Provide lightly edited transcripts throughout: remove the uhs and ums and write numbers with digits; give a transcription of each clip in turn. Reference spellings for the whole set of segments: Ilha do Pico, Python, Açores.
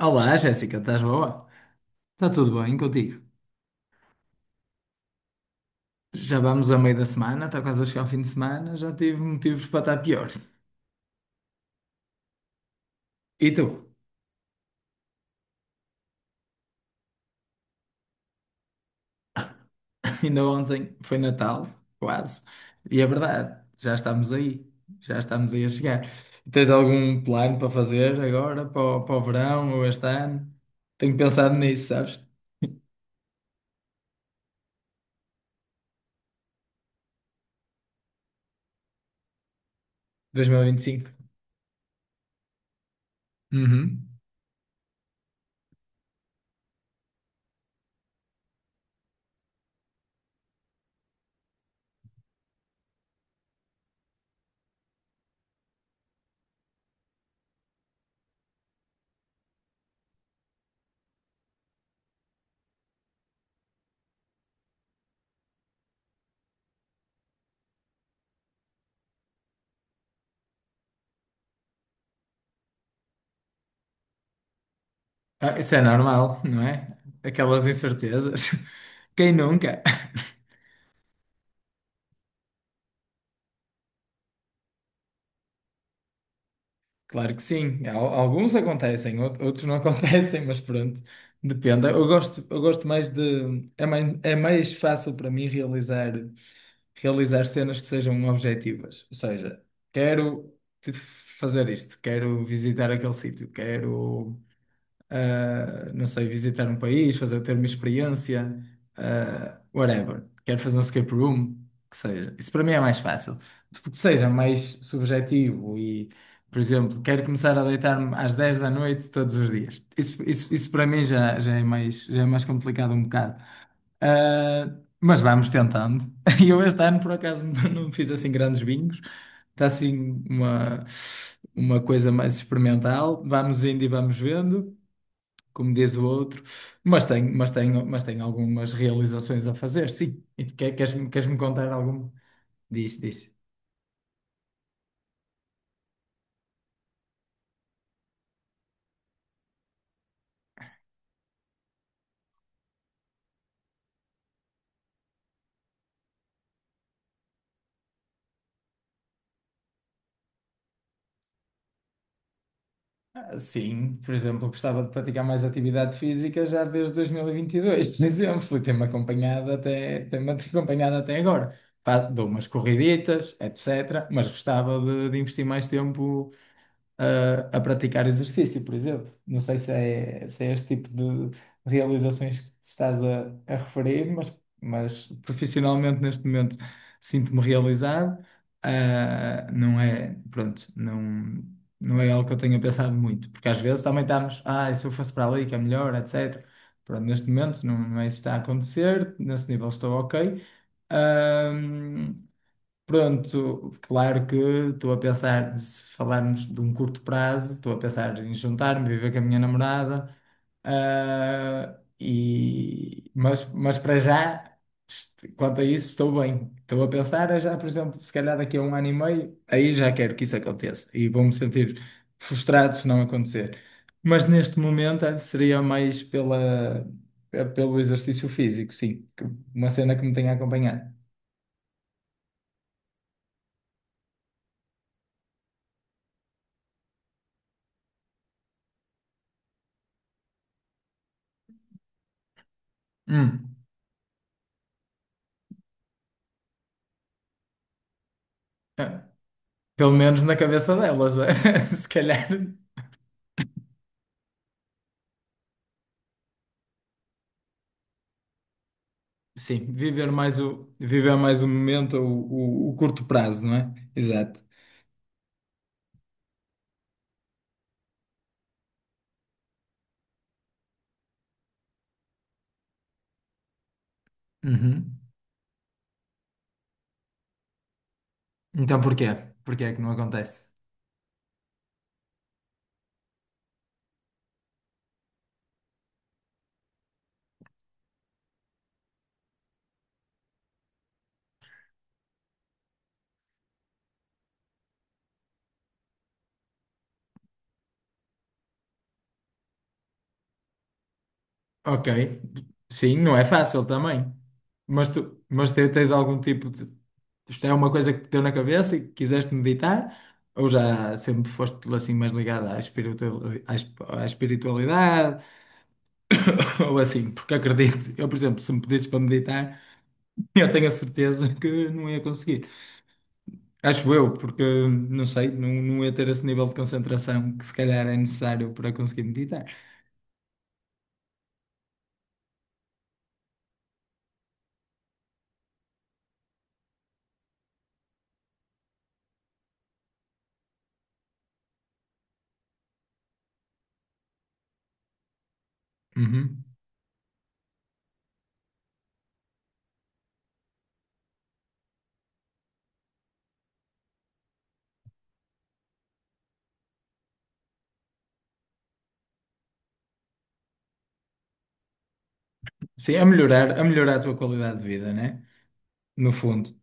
Olá, Jéssica, estás boa? Está tudo bem contigo? Já vamos a meio da semana, está quase a chegar ao fim de semana, já tive motivos para estar pior. E tu? Ainda ontem foi Natal, quase. É verdade, já estamos aí, a chegar. Tens algum plano para fazer agora, para o verão ou este ano? Tenho pensado nisso, sabes? 2025. Uhum. Isso é normal, não é? Aquelas incertezas. Quem nunca? Claro que sim. Alguns acontecem, outros não acontecem, mas pronto, depende. Eu gosto mais de. É mais fácil para mim realizar, realizar cenas que sejam objetivas. Ou seja, quero fazer isto, quero visitar aquele sítio, quero não sei, visitar um país, fazer, ter uma experiência, whatever. Quero fazer um escape room, que seja. Isso para mim é mais fácil. Tipo, que seja mais subjetivo e, por exemplo, quero começar a deitar-me às 22h todos os dias. Isso para mim já é já é mais complicado um bocado. Ah, mas vamos tentando. E eu este ano, por acaso, não fiz assim grandes bingos. Está assim uma coisa mais experimental. Vamos indo e vamos vendo como diz o outro, mas tenho algumas realizações a fazer, sim. E tu queres-me contar alguma? Diz, diz. Sim, por exemplo, gostava de praticar mais atividade física já desde 2022, por exemplo, e tem-me acompanhado até agora. Dou umas corriditas, etc., mas gostava de investir mais tempo a praticar exercício, por exemplo. Não sei se é este tipo de realizações que te estás a referir, mas profissionalmente neste momento sinto-me realizado. Não é, pronto, não é algo que eu tenha pensado muito, porque às vezes também estamos, ah, e se eu fosse para ali que é melhor, etc. Pronto, neste momento não é isso que está a acontecer, nesse nível estou ok. Ahm, Pronto, claro que estou a pensar, se falarmos de um curto prazo, estou a pensar em juntar-me, viver com a minha namorada, ah, e, mas para já, quanto a isso, estou bem. Estou a pensar é já, por exemplo, se calhar daqui a 1 ano e meio, aí já quero que isso aconteça e vou-me sentir frustrado se não acontecer. Mas neste momento seria mais pelo exercício físico, sim, uma cena que me tenha acompanhado. Hum. Ah. Pelo menos na cabeça delas, é? Se calhar, sim, viver mais viver mais o momento, o curto prazo, não é? Exato. Uhum. Então porquê? Porquê é que não acontece? Ok, sim, não é fácil também, mas tens algum tipo de, isto é uma coisa que te deu na cabeça e que quiseste meditar, ou já sempre foste assim mais ligada à espiritualidade, ou assim, porque acredito, eu, por exemplo, se me pedisses para meditar. Eu tenho a certeza que não ia conseguir. Acho eu, porque não sei, não ia ter esse nível de concentração que se calhar é necessário para conseguir meditar. Uhum. Sim, a melhorar a tua qualidade de vida, né? No fundo.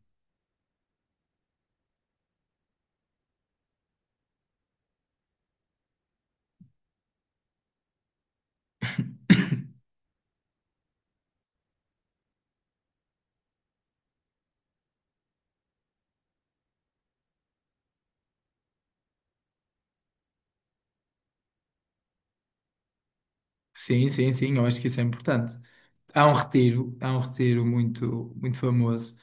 Sim, eu acho que isso é importante. Há um retiro muito famoso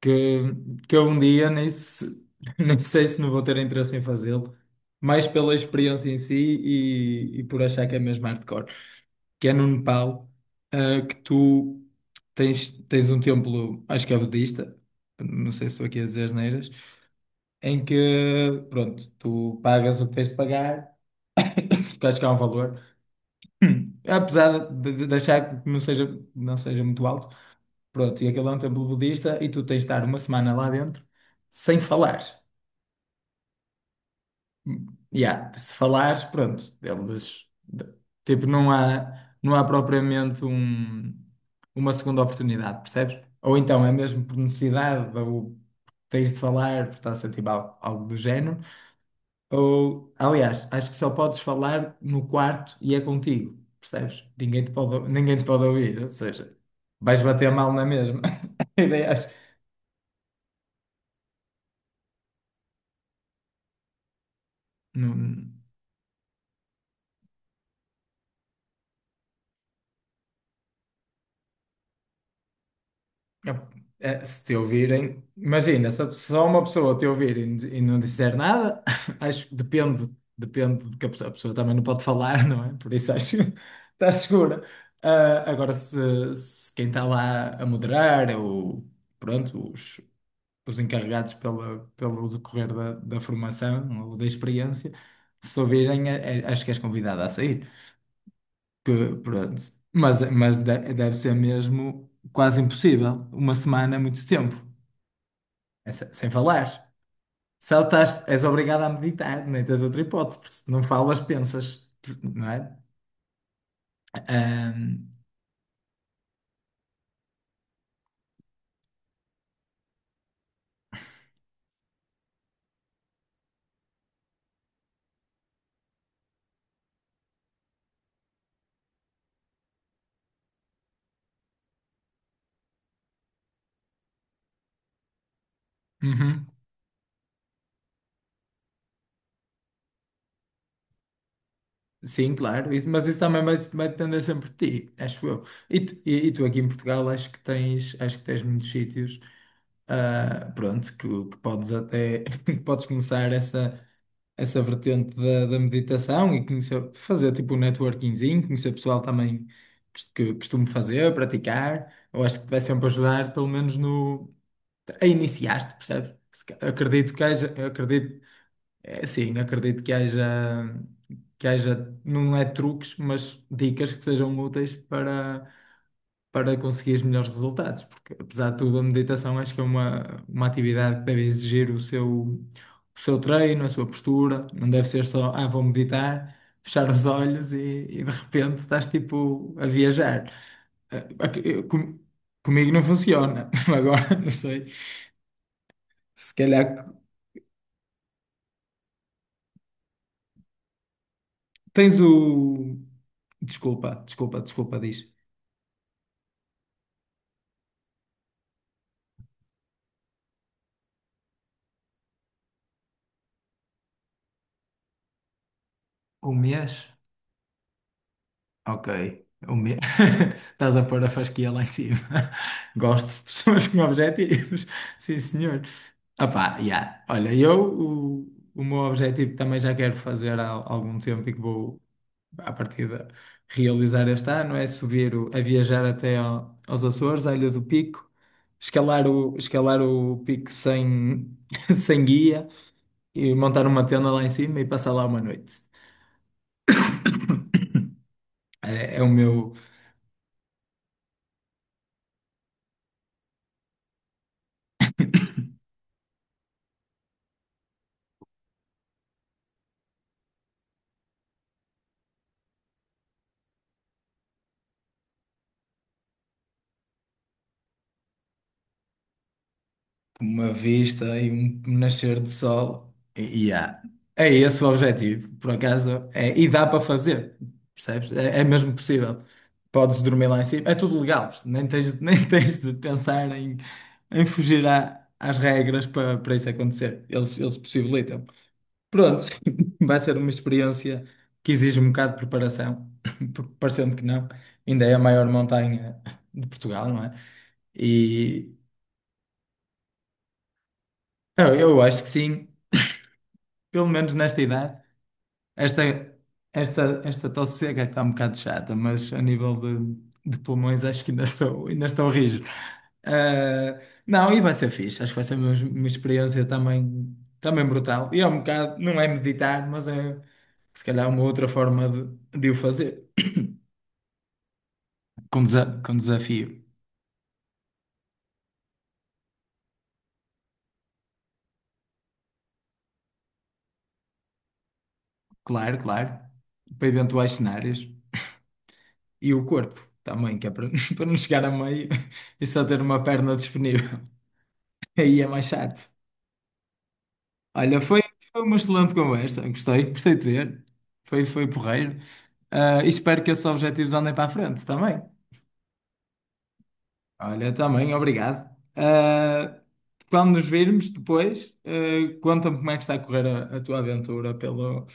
que, que eu um dia nem, se- nem sei se não vou ter interesse em fazê-lo, mais pela experiência em si e por achar que é mesmo hardcore. Que é no Nepal, que tu tens um templo, acho que é budista, não sei se estou aqui a dizer asneiras, em que, pronto, tu pagas o que tens de pagar, acho que há um valor, apesar de achar que não seja, não seja muito alto, pronto, e aquele é um templo budista e tu tens de estar uma semana lá dentro sem falar. Yeah, se falares, pronto, eles tipo, não há propriamente uma segunda oportunidade, percebes? Ou então é mesmo por necessidade, ou tens de falar, por estás a sentir algo, algo do género, ou aliás, acho que só podes falar no quarto e é contigo, percebes? Ninguém te pode, ninguém te pode ouvir, ou seja, vais bater mal na mesma. Ideias. Não. Eu- Se te ouvirem, imagina, se a pessoa- só uma pessoa te ouvir e não disser nada, acho que depende, depende de que a pessoa também não pode falar, não é? Por isso acho que estás segura. Agora, se quem está lá a moderar ou pronto, os encarregados pelo decorrer da formação ou da experiência, se ouvirem, acho que és convidada a sair que, pronto. Mas deve ser mesmo quase impossível. Uma semana é muito tempo, é sem falar. Se estás, és obrigado a meditar, nem tens outra hipótese, porque se não falas, pensas, não é? Ahm, uhum. Sim, claro, isso- mas isso também vai depender sempre de ti, acho eu. E tu aqui em Portugal acho que tens muitos sítios, ah, pronto, que podes até, que podes começar essa. Essa vertente da meditação e conhecer, fazer tipo um networkingzinho, conhecer pessoal também que costumo fazer, praticar. Eu acho que te vai sempre ajudar, pelo menos no, a iniciar-te, percebes? Se ca- Acredito que haja, eu acredito, é, sim, acredito que haja, não é truques, mas dicas que sejam úteis para conseguir os melhores resultados, porque apesar de tudo, a meditação acho que é uma atividade que deve exigir o seu treino, a sua postura, não deve ser só, ah, vou meditar, fechar os olhos e de repente estás tipo a viajar. Ah, ok, comigo não funciona, agora não sei. Se calhar tens o. Desculpa, desculpa, desculpa, diz. Um mês? Ok. O me... Estás a pôr a fasquia lá em cima. Gosto de pessoas com objetivos. Sim, senhor. Opá, yeah. Olha, eu o meu objetivo também já quero fazer há algum tempo e que vou, à partida, realizar este ano é subir, a viajar aos Açores, à Ilha do Pico, escalar o pico sem, sem guia e montar uma tenda lá em cima e passar lá uma noite. É o meu, uma vista e um nascer do sol. E há. É esse o objetivo, por acaso. É, e dá para fazer, percebes? É, é mesmo possível. Podes dormir lá em cima, é tudo legal, nem tens, nem tens de pensar em, em fugir às regras para, para isso acontecer. Eles possibilitam. Pronto, vai ser uma experiência que exige um bocado de preparação, porque parecendo que não, ainda é a maior montanha de Portugal, não é? E eu acho que sim. Pelo menos nesta idade, esta, esta tosse seca que está um bocado chata, mas a nível de pulmões acho que ainda estou rijo. Ah, não, e vai ser fixe, acho que vai ser uma experiência também brutal. E é um bocado, não é meditar, mas é se calhar uma outra forma de o fazer. Com, desa- com desafio, claro, claro, para eventuais cenários. E o corpo também, que é para, para não chegar a meio e só ter uma perna disponível. Aí é mais chato. Olha, foi, foi uma excelente conversa. Gostei, gostei de ver. Foi, foi porreiro. E espero que esses objetivos andem para a frente também. Olha, também, obrigado. Ah, quando nos virmos depois, ah, conta-me como é que está a correr a tua aventura pelo...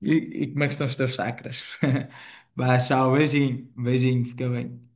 E, e como é que estão os teus chakras. Vá, tchau, beijinho, beijinho, fica bem.